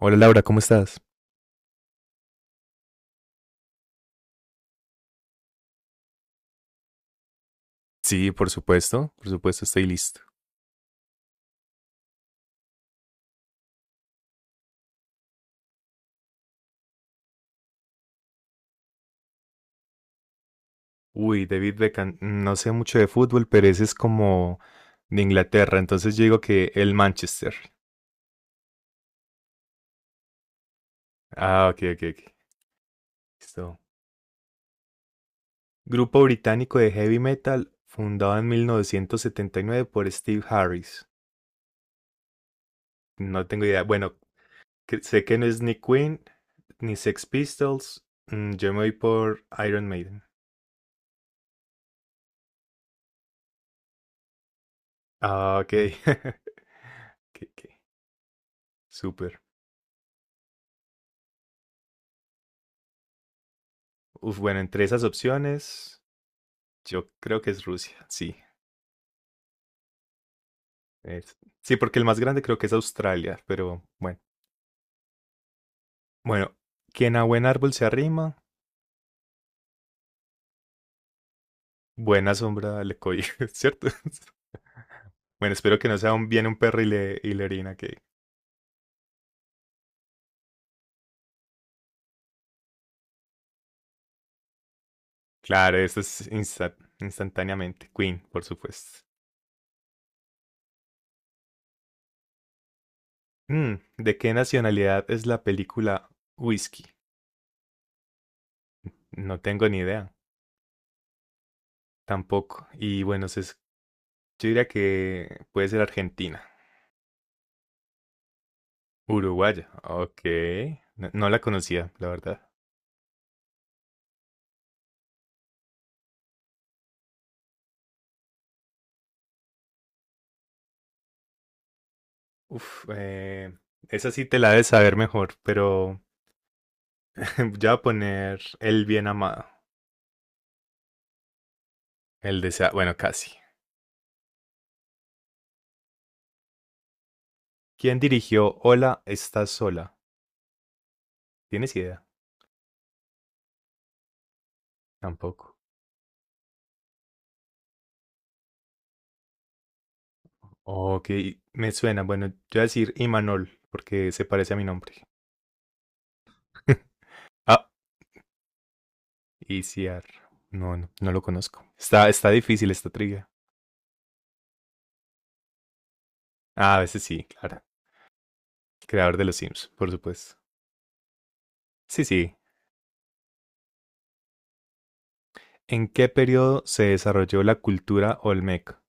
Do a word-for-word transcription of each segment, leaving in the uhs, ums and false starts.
Hola Laura, ¿cómo estás? Sí, por supuesto, por supuesto, estoy listo. Uy, David Beckham, no sé mucho de fútbol, pero ese es como de Inglaterra, entonces yo digo que el Manchester. Ah, ok, ok, ok. Listo. Grupo británico de heavy metal fundado en mil novecientos setenta y nueve por Steve Harris. No tengo idea. Bueno, que- sé que no es ni Queen ni Sex Pistols. Mm, Yo me voy por Iron Maiden. Ah, ok. Ok, ok. Súper. Uf, bueno, entre esas opciones. Yo creo que es Rusia, sí. es- Sí, porque el más grande creo que es Australia, pero bueno. Bueno, quien a buen árbol se arrima, buena sombra le cobija, ¿cierto? Bueno, espero que no sea un, viene un perro y le, y le orina, que... Claro, eso es insta- instantáneamente. Queen, por supuesto. Mm, ¿de qué nacionalidad es la película Whisky? No tengo ni idea, tampoco. Y bueno, se es- yo diría que puede ser Argentina. Uruguaya, ok. No, no la conocía, la verdad. Uf, eh, esa sí te la debes saber mejor, pero ya voy a poner El bien amado, el desea, bueno, casi. ¿Quién dirigió Hola, estás sola? ¿Tienes idea? Tampoco. Ok, me suena. Bueno, yo voy a decir Imanol, porque se parece a mi nombre. Ah, Isiar. No, no, no lo conozco. Está, está difícil esta trivia. Ah, a veces sí, claro. El creador de los Sims, por supuesto. Sí, sí. ¿En qué periodo se desarrolló la cultura Olmeca?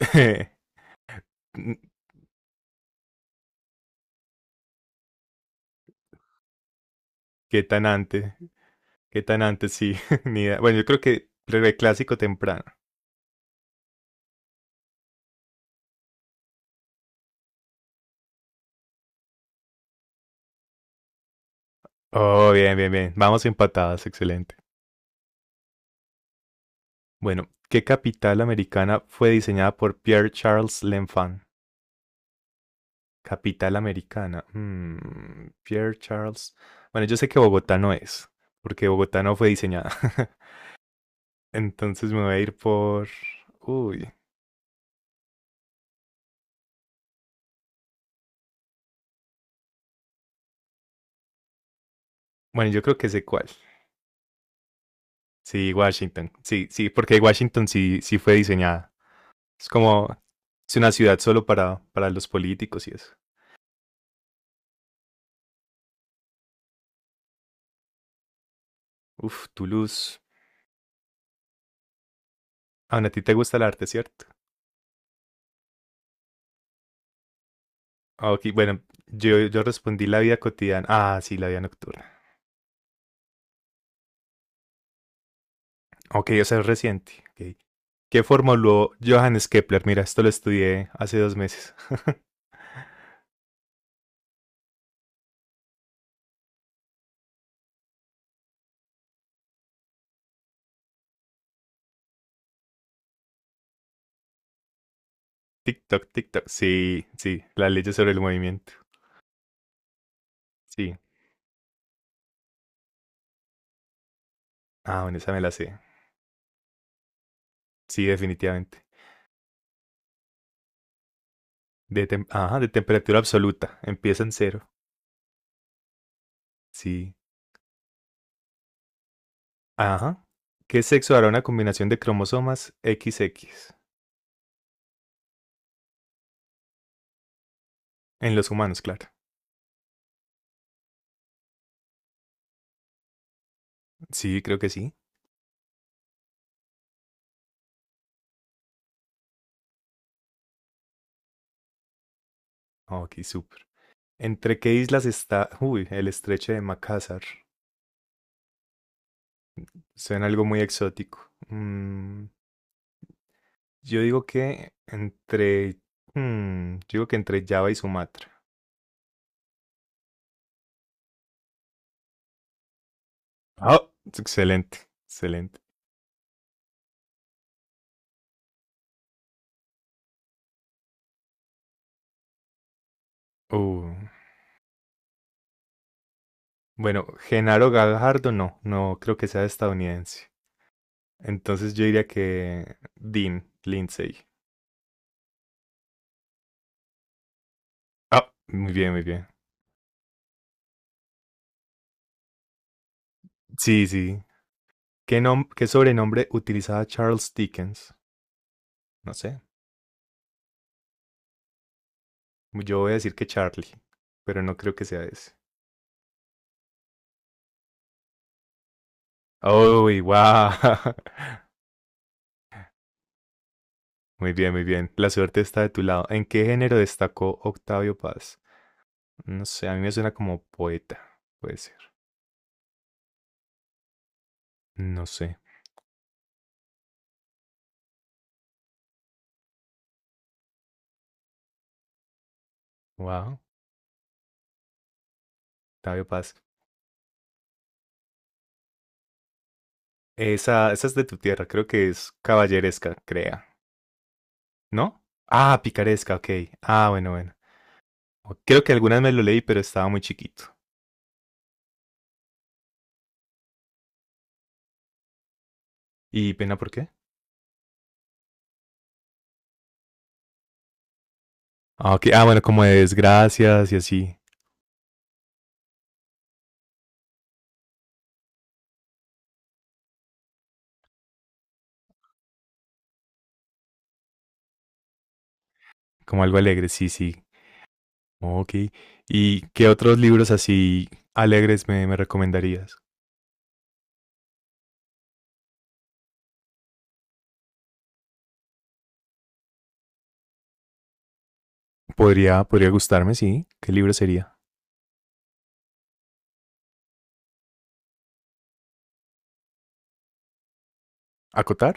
¿Qué tan antes? ¿Qué tan antes? Sí, ni idea. Bueno, yo creo que clásico temprano. Oh, bien, bien, bien. Vamos empatadas, excelente. Bueno, ¿qué capital americana fue diseñada por Pierre Charles L'Enfant? Capital americana. Mm, Pierre Charles. Bueno, yo sé que Bogotá no es, porque Bogotá no fue diseñada. Entonces me voy a ir por... Uy. Bueno, yo creo que sé cuál. Sí, Washington. Sí, sí, porque Washington sí, sí fue diseñada. Es como, es una ciudad solo para, para los políticos y eso. Uf, Toulouse. Aún a ti te gusta el arte, ¿cierto? Ah, Ok, bueno, yo, yo respondí la vida cotidiana. Ah, sí, la vida nocturna. Ok, o sea, es reciente. Ok. ¿Qué formuló Johannes Kepler? Mira, esto lo estudié hace dos meses. TikTok, TikTok. Sí, sí, las leyes sobre el movimiento. Sí. Ah, bueno, esa me la sé. Sí, definitivamente. De tem- Ajá, de temperatura absoluta. Empieza en cero. Sí. Ajá. ¿Qué sexo hará una combinación de cromosomas equis equis? En los humanos, claro. Sí, creo que sí. Ok, súper. ¿Entre qué islas está? Uy, el estrecho de Makassar. Suena algo muy exótico. Mm, yo digo que entre... mm, yo digo que entre Java y Sumatra. Ah, excelente, excelente. Uh, bueno, Genaro Gajardo no, no creo que sea estadounidense. Entonces yo diría que Dean Lindsay. Ah, muy bien, muy bien. Sí, sí. ¿Qué, nom- qué sobrenombre utilizaba Charles Dickens? No sé. Yo voy a decir que Charlie, pero no creo que sea ese. ¡Uy, wow! Muy bien, muy bien. La suerte está de tu lado. ¿En qué género destacó Octavio Paz? No sé, a mí me suena como poeta. Puede ser. No sé. Wow, Octavio Paz. Esa, esa es de tu tierra, creo que es caballeresca, crea. ¿No? Ah, picaresca, ok. Ah, bueno, bueno. Creo que algunas me lo leí, pero estaba muy chiquito. ¿Y pena por qué? Ah, ok. Ah, bueno, como de desgracias y así, como algo alegre, sí, sí. Ok. ¿Y qué otros libros así alegres me, me recomendarías? Podría, podría gustarme, sí. ¿Qué libro sería? ¿Acotar?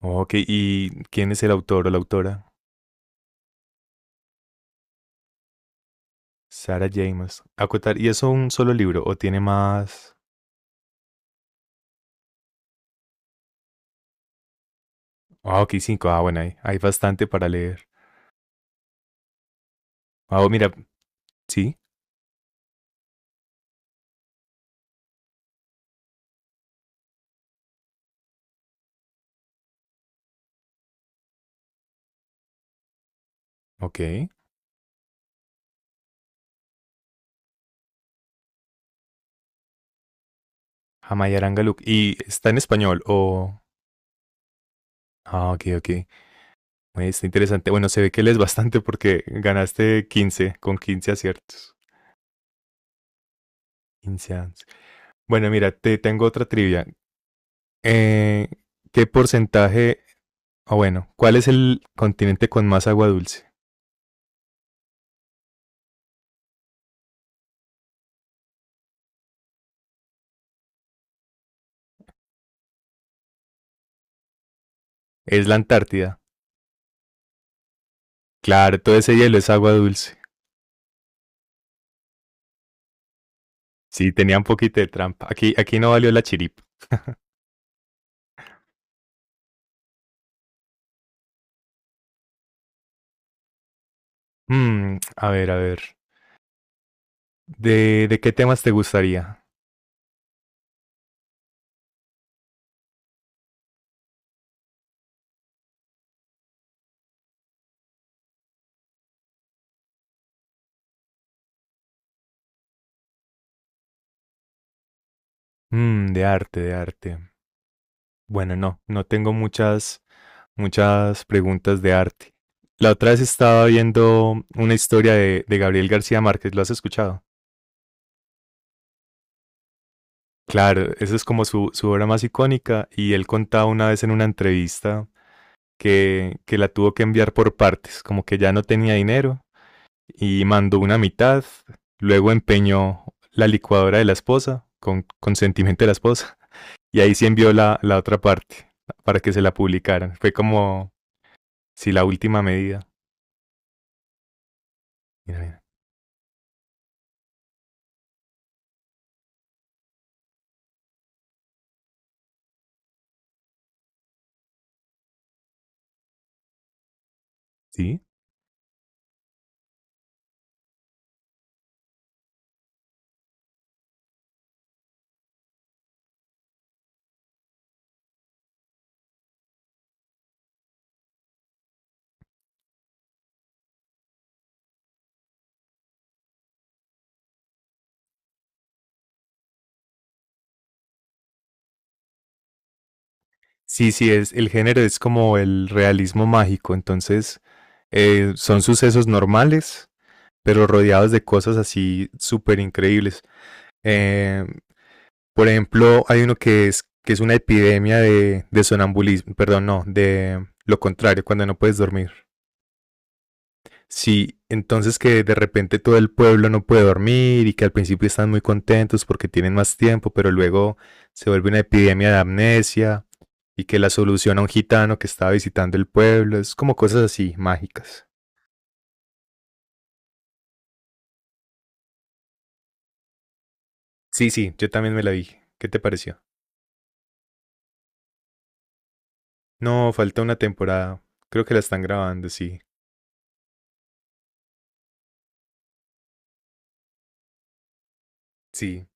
Ok, ¿y quién es el autor o la autora? Sarah James. Acotar, ¿y es un solo libro o tiene más? Ah, ok, cinco. Ah, bueno, hay, hay bastante para leer. Ah, oh, mira, sí, ok. Jamaya Arangaluk. ¿Y está en español o...? Ah, ok, ok. Oye, está interesante. Bueno, se ve que lees bastante porque ganaste quince con quince aciertos. quince ans- Bueno, mira, te tengo otra trivia. Eh, ¿Qué porcentaje, o bueno, cuál es el continente con más agua dulce? Es la Antártida. Claro, todo ese hielo es agua dulce. Sí, tenía un poquito de trampa. Aquí, aquí no valió la chiripa. Mm, a ver, a ver. ¿De, de qué temas te gustaría? Mm, de arte, de arte. Bueno, no, no tengo muchas muchas preguntas de arte. La otra vez estaba viendo una historia de, de Gabriel García Márquez, ¿lo has escuchado? Claro, esa es como su, su obra más icónica y él contaba una vez en una entrevista que, que la tuvo que enviar por partes, como que ya no tenía dinero y mandó una mitad, luego empeñó la licuadora de la esposa, con consentimiento de la esposa, y ahí sí envió la, la otra parte para que se la publicaran. Fue como, si sí, la última medida. Mira, mira. Sí, sí, sí, es, el género es como el realismo mágico, entonces eh, son sucesos normales, pero rodeados de cosas así súper increíbles. Eh, por ejemplo, hay uno que es, que es, una epidemia de, de sonambulismo, perdón, no, de lo contrario, cuando no puedes dormir. Sí, entonces que de repente todo el pueblo no puede dormir y que al principio están muy contentos porque tienen más tiempo, pero luego se vuelve una epidemia de amnesia y que la solución a un gitano que estaba visitando el pueblo es como cosas así, mágicas. Sí, sí, yo también me la vi. ¿Qué te pareció? No, falta una temporada. Creo que la están grabando, sí. Sí,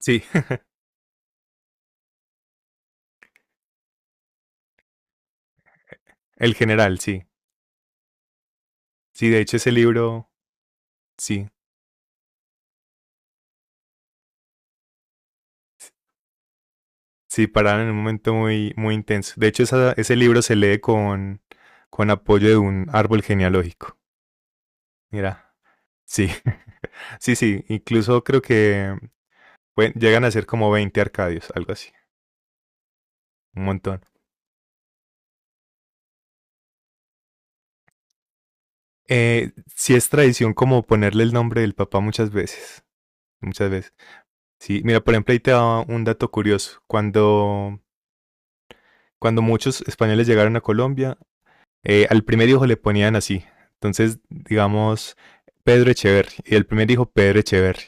sí. El general, sí. Sí, de hecho ese libro, sí, sí, pararon en un momento muy, muy intenso. De hecho, esa- ese libro se lee con, con apoyo de un árbol genealógico. Mira, sí, sí, sí. Incluso creo que pueden- llegan a ser como veinte Arcadios, algo así, un montón. Eh, sí es tradición como ponerle el nombre del papá muchas veces, muchas veces. Sí, mira, por ejemplo, ahí te da un dato curioso. Cuando, cuando muchos españoles llegaron a Colombia, eh, al primer hijo le ponían así. Entonces, digamos, Pedro Echeverri. Y el primer hijo, Pedro Echeverri.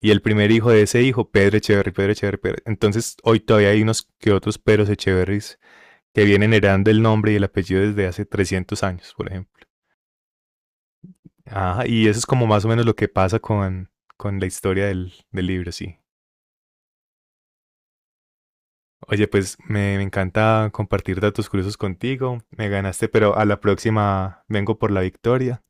Y el primer hijo de ese hijo, Pedro Echeverri, Pedro Echeverri. Pedro- Entonces, hoy todavía hay unos que otros Pedros Echeverris que vienen heredando el nombre y el apellido desde hace trescientos años, por ejemplo. Ah, y eso es como más o menos lo que pasa con, con la historia del, del libro, sí. Oye, pues me, me encanta compartir datos curiosos contigo. Me ganaste, pero a la próxima vengo por la victoria.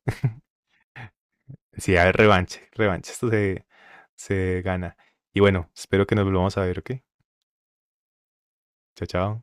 Sí, a ver, revanche, revanche. Esto se, se gana. Y bueno, espero que nos volvamos a ver, ¿ok? Chao, chao.